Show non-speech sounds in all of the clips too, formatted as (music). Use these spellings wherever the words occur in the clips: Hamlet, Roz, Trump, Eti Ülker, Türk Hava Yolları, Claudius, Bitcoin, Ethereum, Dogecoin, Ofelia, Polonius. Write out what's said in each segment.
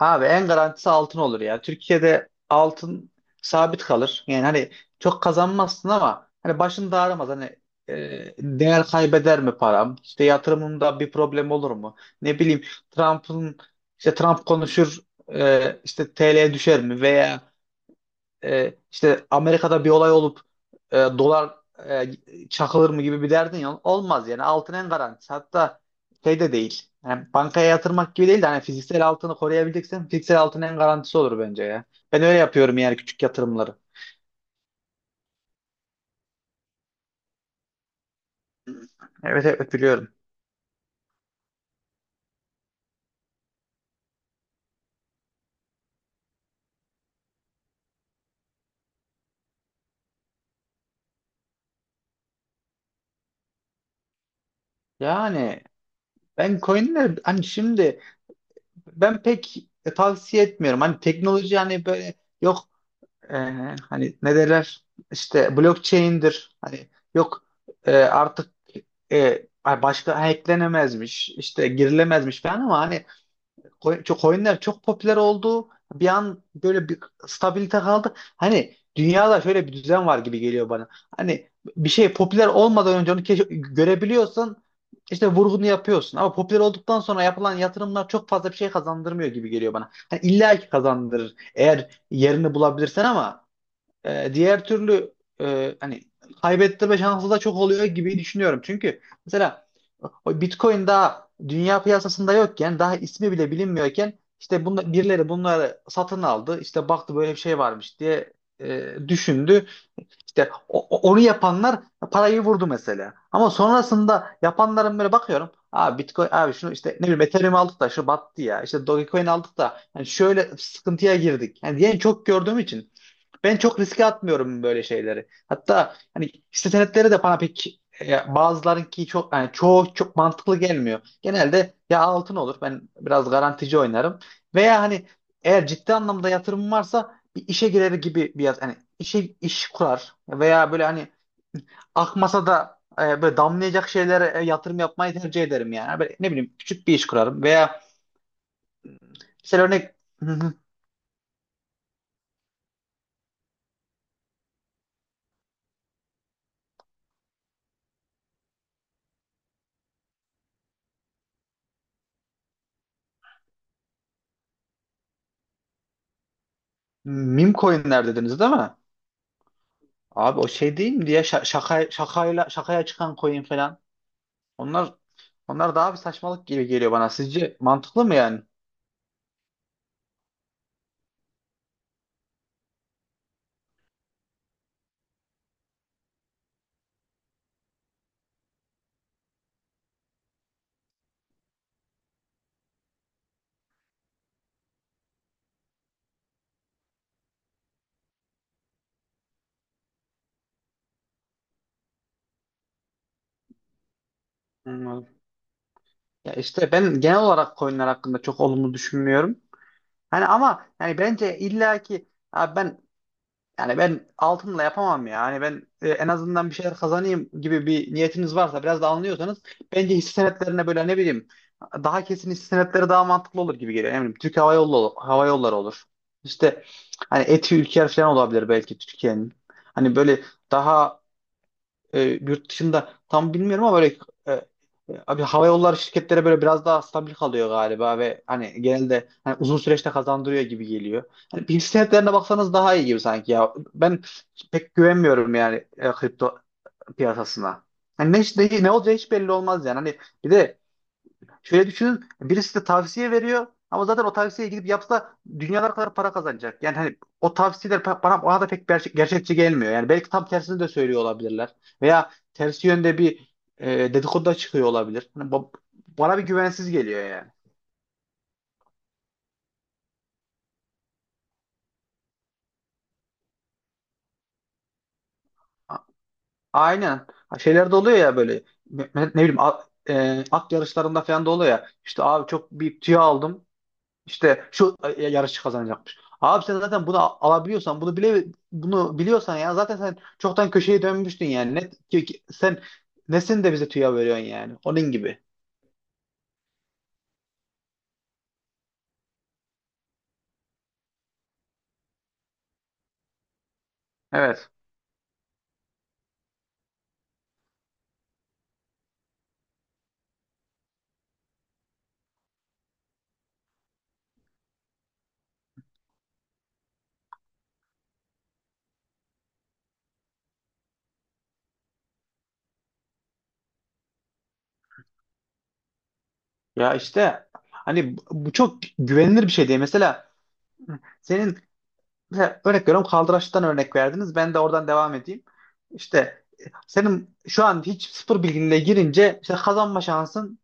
Abi en garantisi altın olur ya. Türkiye'de altın sabit kalır. Yani hani çok kazanmazsın ama hani başın da ağrımaz. Hani değer kaybeder mi param? İşte yatırımımda bir problem olur mu? Ne bileyim Trump'ın işte Trump konuşur, işte TL düşer mi? Veya işte Amerika'da bir olay olup dolar e, çakılır mı gibi bir derdin ya olmaz yani. Altın en garantisi, hatta şey de değil yani bankaya yatırmak gibi değil de hani fiziksel altını koruyabileceksen fiziksel altın en garantisi olur bence ya. Ben öyle yapıyorum yani küçük yatırımları. Evet, evet, biliyorum. Yani ben coinler hani şimdi ben pek tavsiye etmiyorum. Hani teknoloji, hani böyle yok, e, hani ne derler, işte blockchain'dir hani, yok, artık ay başka hacklenemezmiş, işte girilemezmiş falan, ama hani çok coinler çok popüler oldu bir an. Böyle bir stabilite kaldı, hani dünyada şöyle bir düzen var gibi geliyor bana. Hani bir şey popüler olmadan önce onu görebiliyorsan işte vurgunu yapıyorsun, ama popüler olduktan sonra yapılan yatırımlar çok fazla bir şey kazandırmıyor gibi geliyor bana. Hani illa ki kazandırır eğer yerini bulabilirsen, ama diğer türlü hani kaybettirme şansı da çok oluyor gibi düşünüyorum. Çünkü mesela o Bitcoin daha dünya piyasasında yokken, daha ismi bile bilinmiyorken, işte bunla, birileri bunları satın aldı. İşte baktı böyle bir şey varmış diye düşündü. İşte onu yapanlar parayı vurdu mesela. Ama sonrasında yapanların böyle bakıyorum. Abi Bitcoin, abi şunu, işte ne bileyim, Ethereum aldık da şu battı ya. İşte Dogecoin aldık da hani şöyle sıkıntıya girdik. Yani diyen çok gördüğüm için ben çok riske atmıyorum böyle şeyleri. Hatta hani hisse senetleri de bana pek, bazılarınki çok, yani çoğu çok mantıklı gelmiyor. Genelde ya altın olur, ben biraz garantici oynarım, veya hani eğer ciddi anlamda yatırımım varsa bir işe girer gibi bir hani işe, iş kurar, veya böyle hani akmasa da böyle damlayacak şeylere yatırım yapmayı tercih ederim yani. Böyle ne bileyim, küçük bir iş kurarım, veya mesela örnek (laughs) meme coinler dediniz değil mi? Abi o şey değil mi diye, şaka, şakayla, şakaya çıkan coin falan. Onlar onlar daha bir saçmalık gibi geliyor bana. Sizce mantıklı mı yani? Anladım. Ya işte ben genel olarak coinler hakkında çok olumlu düşünmüyorum. Hani ama yani bence illaki, abi yani ben altınla yapamam ya. Hani ben en azından bir şeyler kazanayım gibi bir niyetiniz varsa, biraz da anlıyorsanız, bence hisse senetlerine, böyle ne bileyim, daha kesin, hisse senetleri daha mantıklı olur gibi geliyor. Eminim Türk Hava Yolları, Hava Yolları olur. İşte hani Eti, Ülker falan olabilir belki Türkiye'nin. Hani böyle daha yurt dışında tam bilmiyorum, ama böyle e, e, abi hava yolları şirketlere böyle biraz daha stabil kalıyor galiba, ve hani genelde hani uzun süreçte kazandırıyor gibi geliyor. Hani bir senetlerine baksanız daha iyi gibi sanki ya. Ben pek güvenmiyorum yani, kripto piyasasına. Hani ne olacağı hiç belli olmaz yani. Hani bir de şöyle düşünün: birisi de tavsiye veriyor, ama zaten o tavsiyeye gidip yapsa dünyalar kadar para kazanacak. Yani hani o tavsiyeler, bana da pek gerçekçi gelmiyor. Yani belki tam tersini de söylüyor olabilirler. Veya tersi yönde bir e, dedikodu da çıkıyor olabilir. Hani bana bir güvensiz geliyor yani. A- Aynen. Ha, şeyler de oluyor ya böyle, ne bileyim, at yarışlarında falan da oluyor ya. İşte abi çok bir tüy aldım. İşte şu yarışçı kazanacakmış. Abi sen zaten bunu alabiliyorsan, bunu bile, bunu biliyorsan, ya zaten sen çoktan köşeye dönmüştün yani. Sen nesin de bize tüya veriyorsun yani? Onun gibi. Evet. Ya işte hani bu çok güvenilir bir şey değil. Mesela senin, mesela örnek veriyorum, kaldıraçtan örnek verdiniz, ben de oradan devam edeyim. İşte senin şu an hiç sıfır bilginle girince işte kazanma şansın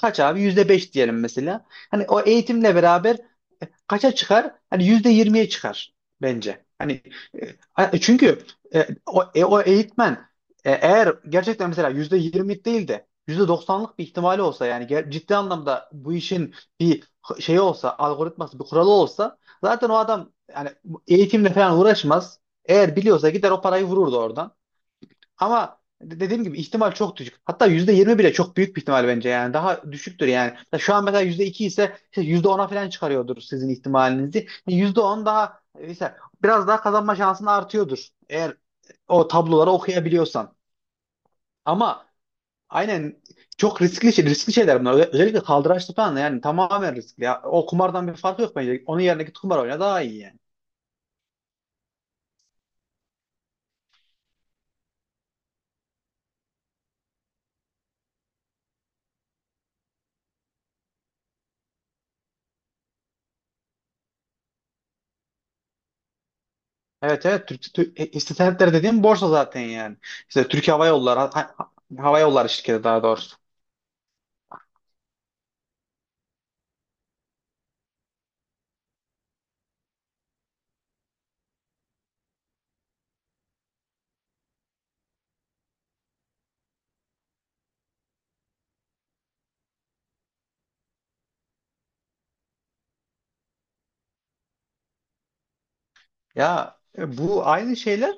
kaç abi? %5 diyelim mesela. Hani o eğitimle beraber kaça çıkar? Hani %20'ye çıkar bence. Hani çünkü o eğitmen eğer gerçekten, mesela %20 değil de %90'lık bir ihtimali olsa, yani ciddi anlamda bu işin bir şeyi olsa, algoritması, bir kuralı olsa, zaten o adam yani eğitimle falan uğraşmaz. Eğer biliyorsa gider o parayı vururdu oradan. Ama dediğim gibi ihtimal çok düşük. Hatta %20 bile çok büyük bir ihtimal bence yani. Daha düşüktür yani. Ya şu an mesela %2 ise işte %10'a falan çıkarıyordur sizin ihtimalinizi. %10 daha, mesela biraz daha kazanma şansın artıyordur, eğer o tabloları okuyabiliyorsan. Ama aynen, çok riskli şey, riskli şeyler bunlar. Özellikle kaldıraçlı falan yani tamamen riskli. Ya, o kumardan bir farkı yok bence. Onun yerine git kumar oyna daha iyi yani. Evet, evet. İstihbaratları dediğim borsa zaten yani. İşte Türk Hava Yolları, ha- Hava Yolları şirketi daha doğrusu. Ya bu aynı şeyler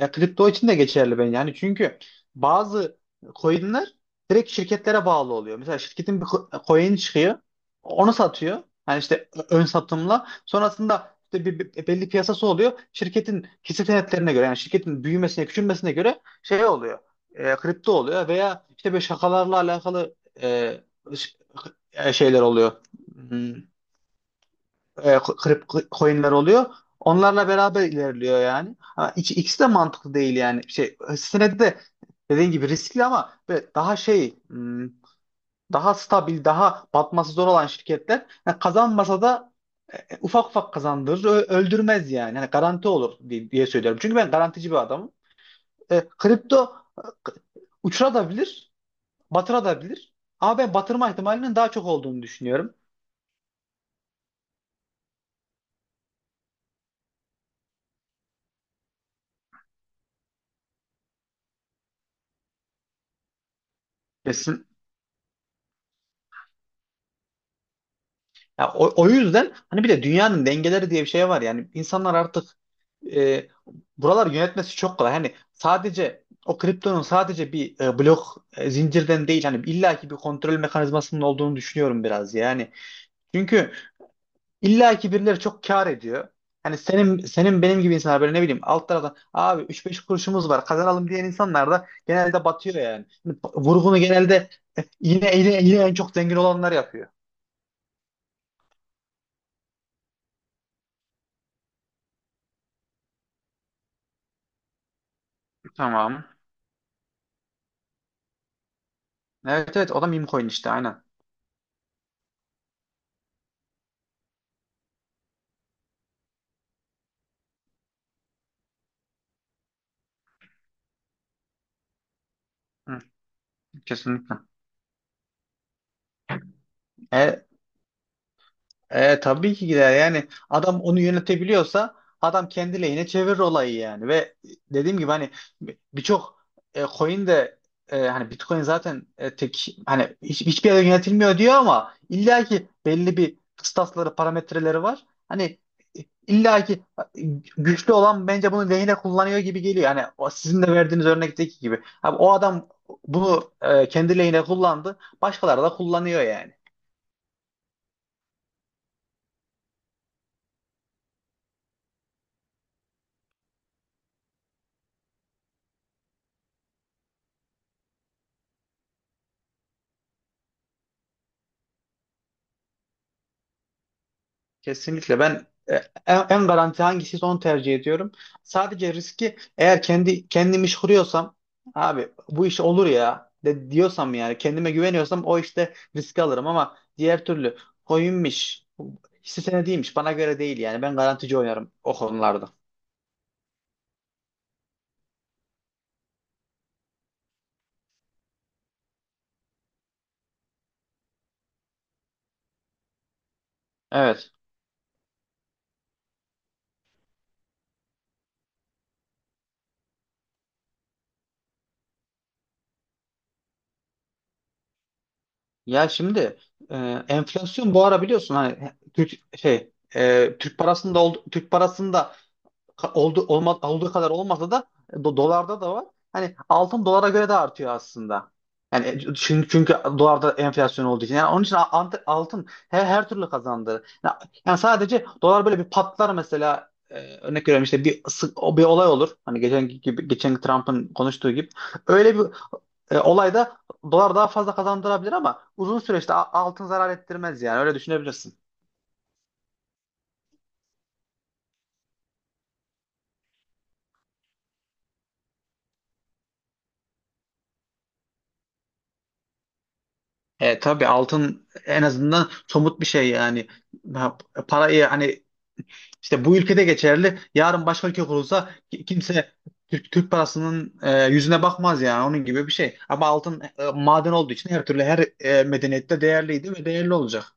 kripto için de geçerli ben yani, çünkü bazı coinler direkt şirketlere bağlı oluyor. Mesela şirketin bir coin çıkıyor, onu satıyor. Yani işte ön satımla sonrasında, işte belli piyasası oluyor. Şirketin hisse senetlerine göre, yani şirketin büyümesine, küçülmesine göre şey oluyor, kripto oluyor, veya işte böyle şakalarla alakalı e, ş- şeyler oluyor. Hmm, kripto coinler oluyor. Onlarla beraber ilerliyor yani. Ama ikisi de mantıklı değil yani. Şey, senedi de dediğin gibi riskli, ama böyle daha şey, hmm, daha stabil, daha batması zor olan şirketler yani kazanmasa da ufak ufak kazandırır, öldürmez yani. Hani garanti olur diye söylüyorum. Çünkü ben garantici bir adamım. Kripto uçurabilir, batırabilir. Ama ben batırma ihtimalinin daha çok olduğunu düşünüyorum. Ya o yüzden, hani bir de dünyanın dengeleri diye bir şey var yani, insanlar artık, e, buralar yönetmesi çok kolay. Hani sadece o kriptonun sadece bir blok zincirden değil, hani illaki bir kontrol mekanizmasının olduğunu düşünüyorum biraz yani. Çünkü illaki birileri çok kâr ediyor. Hani senin benim gibi insanlar, böyle ne bileyim alt taraftan, abi 3-5 kuruşumuz var kazanalım diyen insanlar da genelde batıyor yani. Hani vurgunu genelde yine en çok zengin olanlar yapıyor. Tamam. Evet, evet, o da meme coin işte, aynen. Hı, kesinlikle. E, tabii ki gider. Yani adam onu yönetebiliyorsa, adam kendi lehine çevirir olayı yani. Ve dediğim gibi, hani birçok coin de, hani Bitcoin zaten tek, hani hiçbir yere yönetilmiyor diyor, ama illa ki belli bir kıstasları, parametreleri var. Hani e, illa ki güçlü olan bence bunu lehine kullanıyor gibi geliyor. Hani o sizin de verdiğiniz örnekteki gibi. Abi, o adam bunu kendi lehine kullandı. Başkaları da kullanıyor yani. Kesinlikle ben en garanti hangisi onu tercih ediyorum. Sadece riski, eğer kendi kendimi iş kuruyorsam, abi bu iş olur ya diyorsam, yani kendime güveniyorsam, o işte riski alırım. Ama diğer türlü coinmiş, hisse senediymiş, bana göre değil yani. Ben garantici oynarım o konularda. Evet. Ya şimdi e, enflasyon bu ara biliyorsun hani, Türk şey, Türk parasında oldu, Türk parasında oldu, olduğu kadar olmasa da dolarda da var. Hani altın dolara göre de artıyor aslında. Yani çünkü dolarda enflasyon olduğu için. Yani onun için altın her türlü kazandırır. Yani sadece dolar böyle bir patlar mesela, örnek veriyorum, işte bir o bir olay olur. Hani geçen gibi, geçen Trump'ın konuştuğu gibi. Öyle bir olayda dolar daha fazla kazandırabilir, ama uzun süreçte altın zarar ettirmez yani, öyle düşünebilirsin. Tabii, altın en azından somut bir şey yani. Ha, parayı hani işte bu ülkede geçerli, yarın başka ülke kurulsa kimse Türk, Türk parasının yüzüne bakmaz yani, onun gibi bir şey. Ama altın, maden olduğu için, her türlü, medeniyette değerliydi ve değerli olacak.